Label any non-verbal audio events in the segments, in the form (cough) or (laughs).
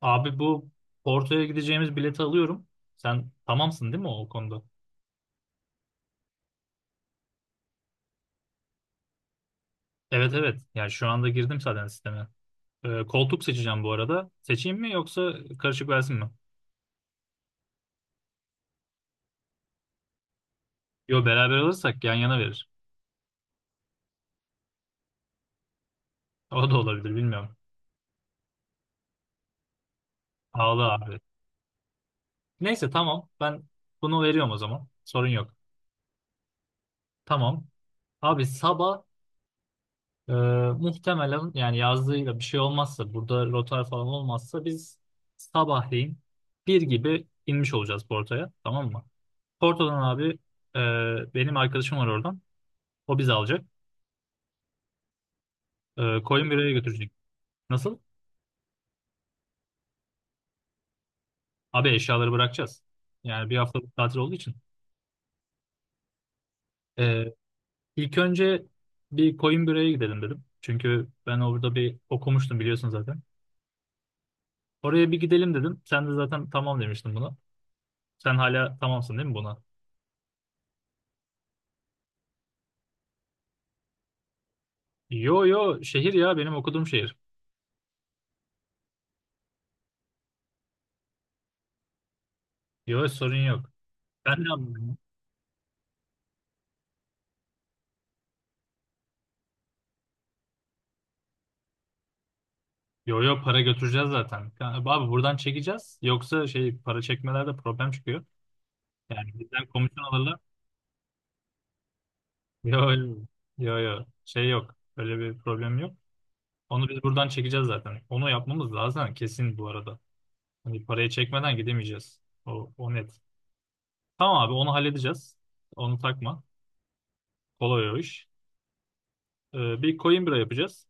Abi bu Porto'ya gideceğimiz bileti alıyorum. Sen tamamsın değil mi o konuda? Evet, evet. Yani şu anda girdim zaten sisteme. Koltuk seçeceğim bu arada. Seçeyim mi yoksa karışık versin mi? Yo, beraber alırsak yan yana verir. O da olabilir, bilmiyorum. Ağlı abi. Neyse, tamam. Ben bunu veriyorum o zaman. Sorun yok. Tamam. Abi sabah e, muhtemelen yani yazdığıyla bir şey olmazsa, burada rotar falan olmazsa biz sabahleyin bir gibi inmiş olacağız Porto'ya. Tamam mı? Porto'dan abi benim arkadaşım var oradan. O bizi alacak. E, Coimbira'ya götürecek. Nasıl? Abi eşyaları bırakacağız. Yani bir haftalık tatil olduğu için. E, ilk önce bir Coimbira'ya gidelim dedim. Çünkü ben orada bir okumuştum, biliyorsun zaten. Oraya bir gidelim dedim. Sen de zaten tamam demiştin buna. Sen hala tamamsın değil mi buna? Yo yo, şehir ya, benim okuduğum şehir. Yo, sorun yok. Ben de anlıyorum. Yo yo, para götüreceğiz zaten. Yani, abi, buradan çekeceğiz. Yoksa şey, para çekmelerde problem çıkıyor. Yani bizden komisyon alırlar. Yo, yo, yo. Şey yok. Öyle bir problem yok. Onu biz buradan çekeceğiz zaten. Onu yapmamız lazım kesin bu arada. Hani parayı çekmeden gidemeyeceğiz. O, o net. Tamam abi, onu halledeceğiz. Onu takma. Kolay o iş. Bir coin yapacağız.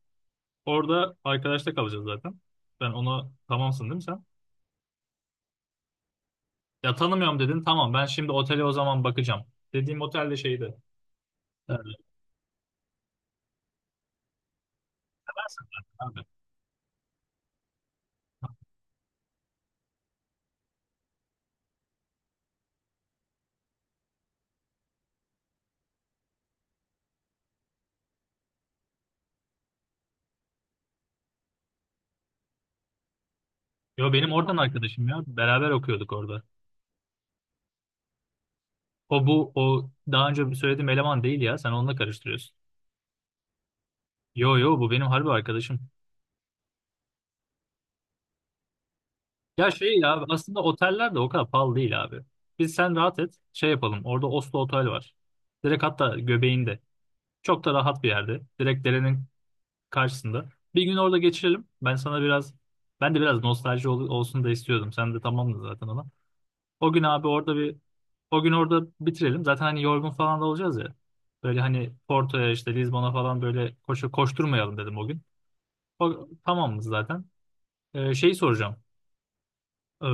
Orada arkadaşta kalacağız zaten. Ben ona, tamamsın değil mi sen? Ya tanımıyorum dedin. Tamam, ben şimdi otele o zaman bakacağım. Dediğim otel de şeydi. Ee, Seversin zaten abi. Yo, benim oradan arkadaşım ya. Beraber okuyorduk orada. O bu, o daha önce söylediğim eleman değil ya. Sen onunla karıştırıyorsun. Yo yo, bu benim harbi arkadaşım. Ya şey ya, aslında oteller de o kadar pahalı değil abi. Biz sen rahat et, şey yapalım. Orada Oslo Otel var. Direkt hatta göbeğinde. Çok da rahat bir yerde. Direkt derenin karşısında. Bir gün orada geçirelim. Ben sana biraz, ben de biraz nostalji olsun da istiyordum. Sen de tamamdın zaten ona. O gün abi orada bir, o gün orada bitirelim. Zaten hani yorgun falan da olacağız ya. Böyle hani Porto'ya, işte Lizbon'a falan böyle koşu koşturmayalım dedim o gün. O, tamamız zaten. Şeyi soracağım. Ee,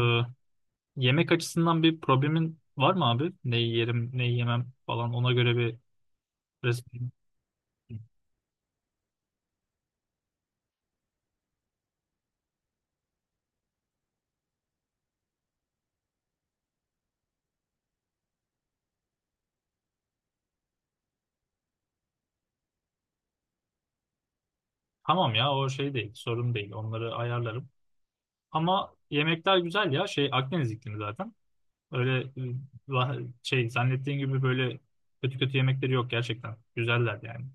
yemek açısından bir problemin var mı abi? Neyi yerim, neyi yemem falan, ona göre bir resim. Tamam ya, o şey değil, sorun değil. Onları ayarlarım. Ama yemekler güzel ya. Şey, Akdeniz iklimi zaten. Öyle şey zannettiğin gibi böyle kötü kötü yemekleri yok gerçekten. Güzeller yani.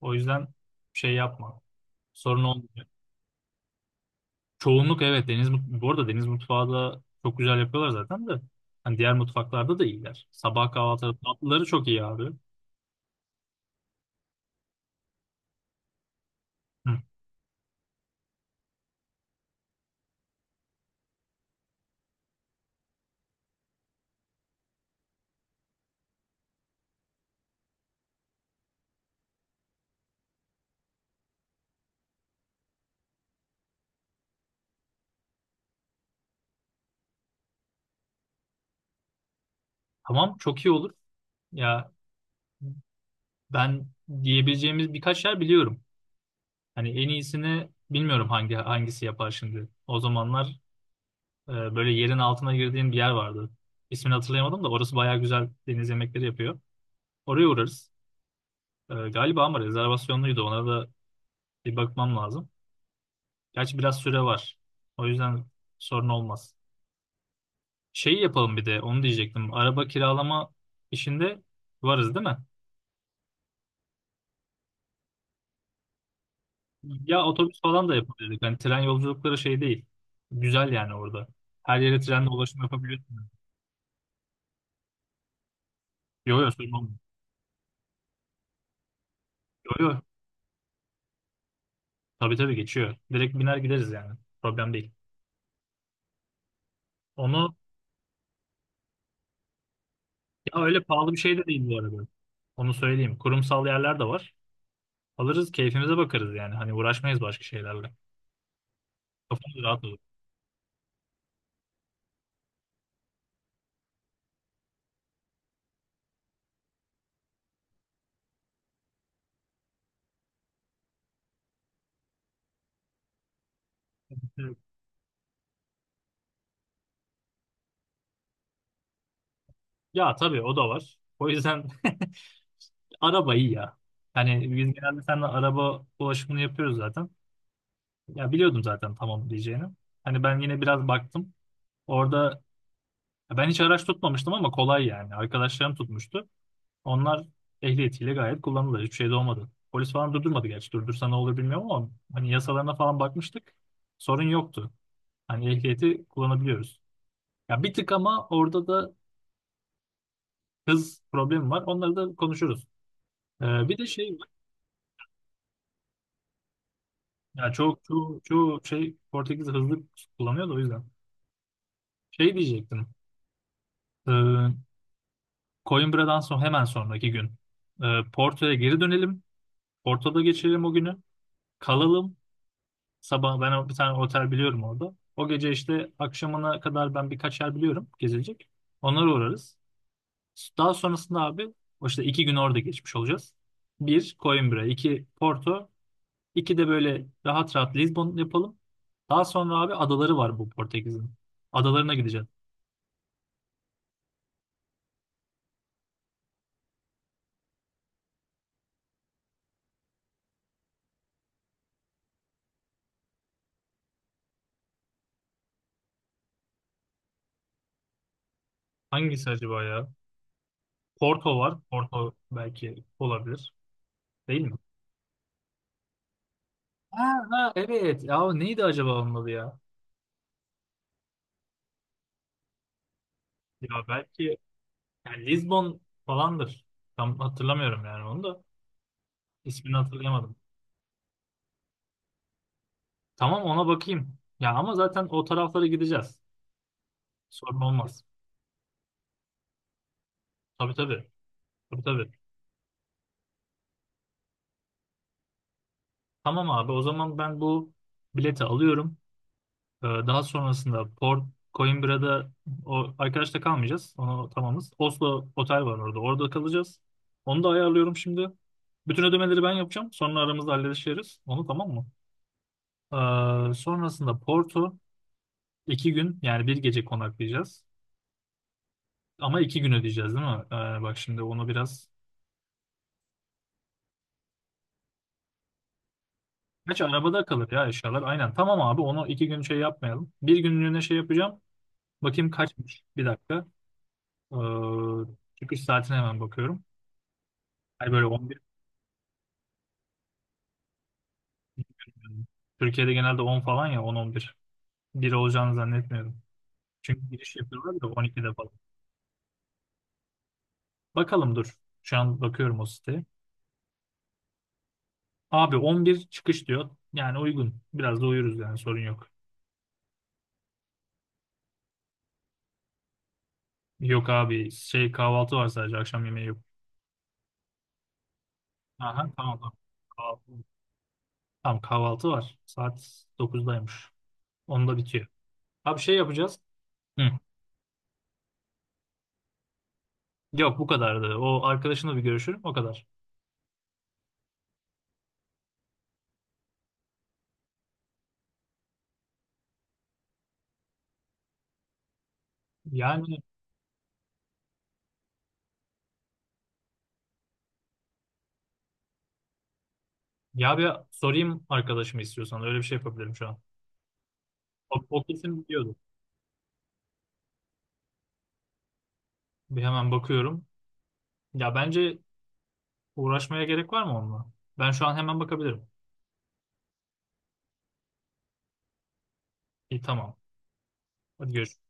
O yüzden şey yapma. Sorun olmuyor. Çoğunluk evet, deniz bu arada deniz mutfağı da çok güzel yapıyorlar zaten de. Hani diğer mutfaklarda da iyiler. Sabah kahvaltıları, tatlıları çok iyi abi. Hı. Tamam, çok iyi olur. Ya, ben diyebileceğimiz birkaç yer biliyorum. Hani en iyisini bilmiyorum, hangisi yapar şimdi. O zamanlar böyle yerin altına girdiğim bir yer vardı. İsmini hatırlayamadım da orası bayağı güzel deniz yemekleri yapıyor. Oraya uğrarız. Galiba ama rezervasyonluydu. Ona da bir bakmam lazım. Gerçi biraz süre var. O yüzden sorun olmaz. Şeyi yapalım, bir de onu diyecektim. Araba kiralama işinde varız değil mi? Ya otobüs falan da yapabilirdik. Hani tren yolculukları şey değil. Güzel yani orada. Her yere trenle ulaşım yapabiliyorsunuz. Yo yo, sorun olmuyor. Yo yo. Tabii tabii, geçiyor. Direkt biner gideriz yani. Problem değil. Onu, ya öyle pahalı bir şey de değil bu arada. Onu söyleyeyim. Kurumsal yerler de var. Alırız, keyfimize bakarız yani. Hani uğraşmayız başka şeylerle. Kafamız rahat olur. Evet. Ya tabii, o da var. O yüzden (laughs) araba iyi ya. Yani biz genelde seninle araba ulaşımını yapıyoruz zaten. Ya biliyordum zaten tamam diyeceğini. Hani ben yine biraz baktım. Orada, ya ben hiç araç tutmamıştım ama kolay yani. Arkadaşlarım tutmuştu. Onlar ehliyetiyle gayet kullanılır. Hiçbir şey de olmadı. Polis falan durdurmadı gerçi. Durdursa ne olur bilmiyorum ama hani yasalarına falan bakmıştık. Sorun yoktu. Hani ehliyeti kullanabiliyoruz. Ya bir tık ama orada da hız problemi var. Onları da konuşuruz. Bir de şey var. Ya çok çoğu şey, Portekiz hızlı kullanıyor da o yüzden. Şey diyecektim. Ee, Coimbra'dan sonra hemen sonraki gün. Porto'ya geri dönelim. Porto'da geçirelim o günü. Kalalım. Sabah ben bir tane otel biliyorum orada. O gece işte akşamına kadar ben birkaç yer biliyorum gezilecek. Onlara uğrarız. Daha sonrasında abi, o işte iki gün orada geçmiş olacağız. Bir Coimbra, iki Porto, iki de böyle rahat rahat Lisbon yapalım. Daha sonra abi, adaları var bu Portekiz'in. Adalarına gideceğiz. Hangisi acaba ya? Porto var. Porto belki olabilir. Değil mi? Ha, ha, evet. Ya neydi acaba onun adı ya? Ya belki, yani Lisbon falandır. Tam hatırlamıyorum yani onu da. İsmini hatırlayamadım. Tamam, ona bakayım. Ya ama zaten o taraflara gideceğiz. Sorun olmaz. Tabii tabii. Tabii tabii. Tamam abi, o zaman ben bu bileti alıyorum. Daha sonrasında Port, Coimbra'da o arkadaşta kalmayacağız. Onu tamamız. Oslo otel var orada. Orada kalacağız. Onu da ayarlıyorum şimdi. Bütün ödemeleri ben yapacağım. Sonra aramızda hallederiz. Onu, tamam mı? Sonrasında Porto, İki gün yani, bir gece konaklayacağız. Ama iki gün ödeyeceğiz değil mi? Bak şimdi onu biraz... Gerçi arabada kalır ya eşyalar. Aynen, tamam abi, onu iki gün şey yapmayalım. Bir günlüğüne şey yapacağım. Bakayım kaçmış. Bir dakika. Ee, çıkış saatine hemen bakıyorum. Hani böyle 11. Türkiye'de genelde 10 falan, ya 10-11. Bir olacağını zannetmiyorum. Çünkü giriş yapıyorlar da 12'de falan. Bakalım dur. Şu an bakıyorum o siteye. Abi 11 çıkış diyor. Yani uygun. Biraz da uyuruz yani, sorun yok. Yok abi, şey, kahvaltı var sadece, akşam yemeği yok. Aha, tamam tamam. Kahvaltı. Tamam, kahvaltı var. Saat 9'daymış. Onda bitiyor. Abi şey yapacağız. Hı. Yok, bu kadardı. O arkadaşınla bir görüşürüm, o kadar. Yani, ya bir sorayım arkadaşımı, istiyorsan öyle bir şey yapabilirim şu an. O, o kesin biliyordu. Bir hemen bakıyorum. Ya bence uğraşmaya gerek var mı onunla? Ben şu an hemen bakabilirim. İyi, tamam. Hadi görüşürüz.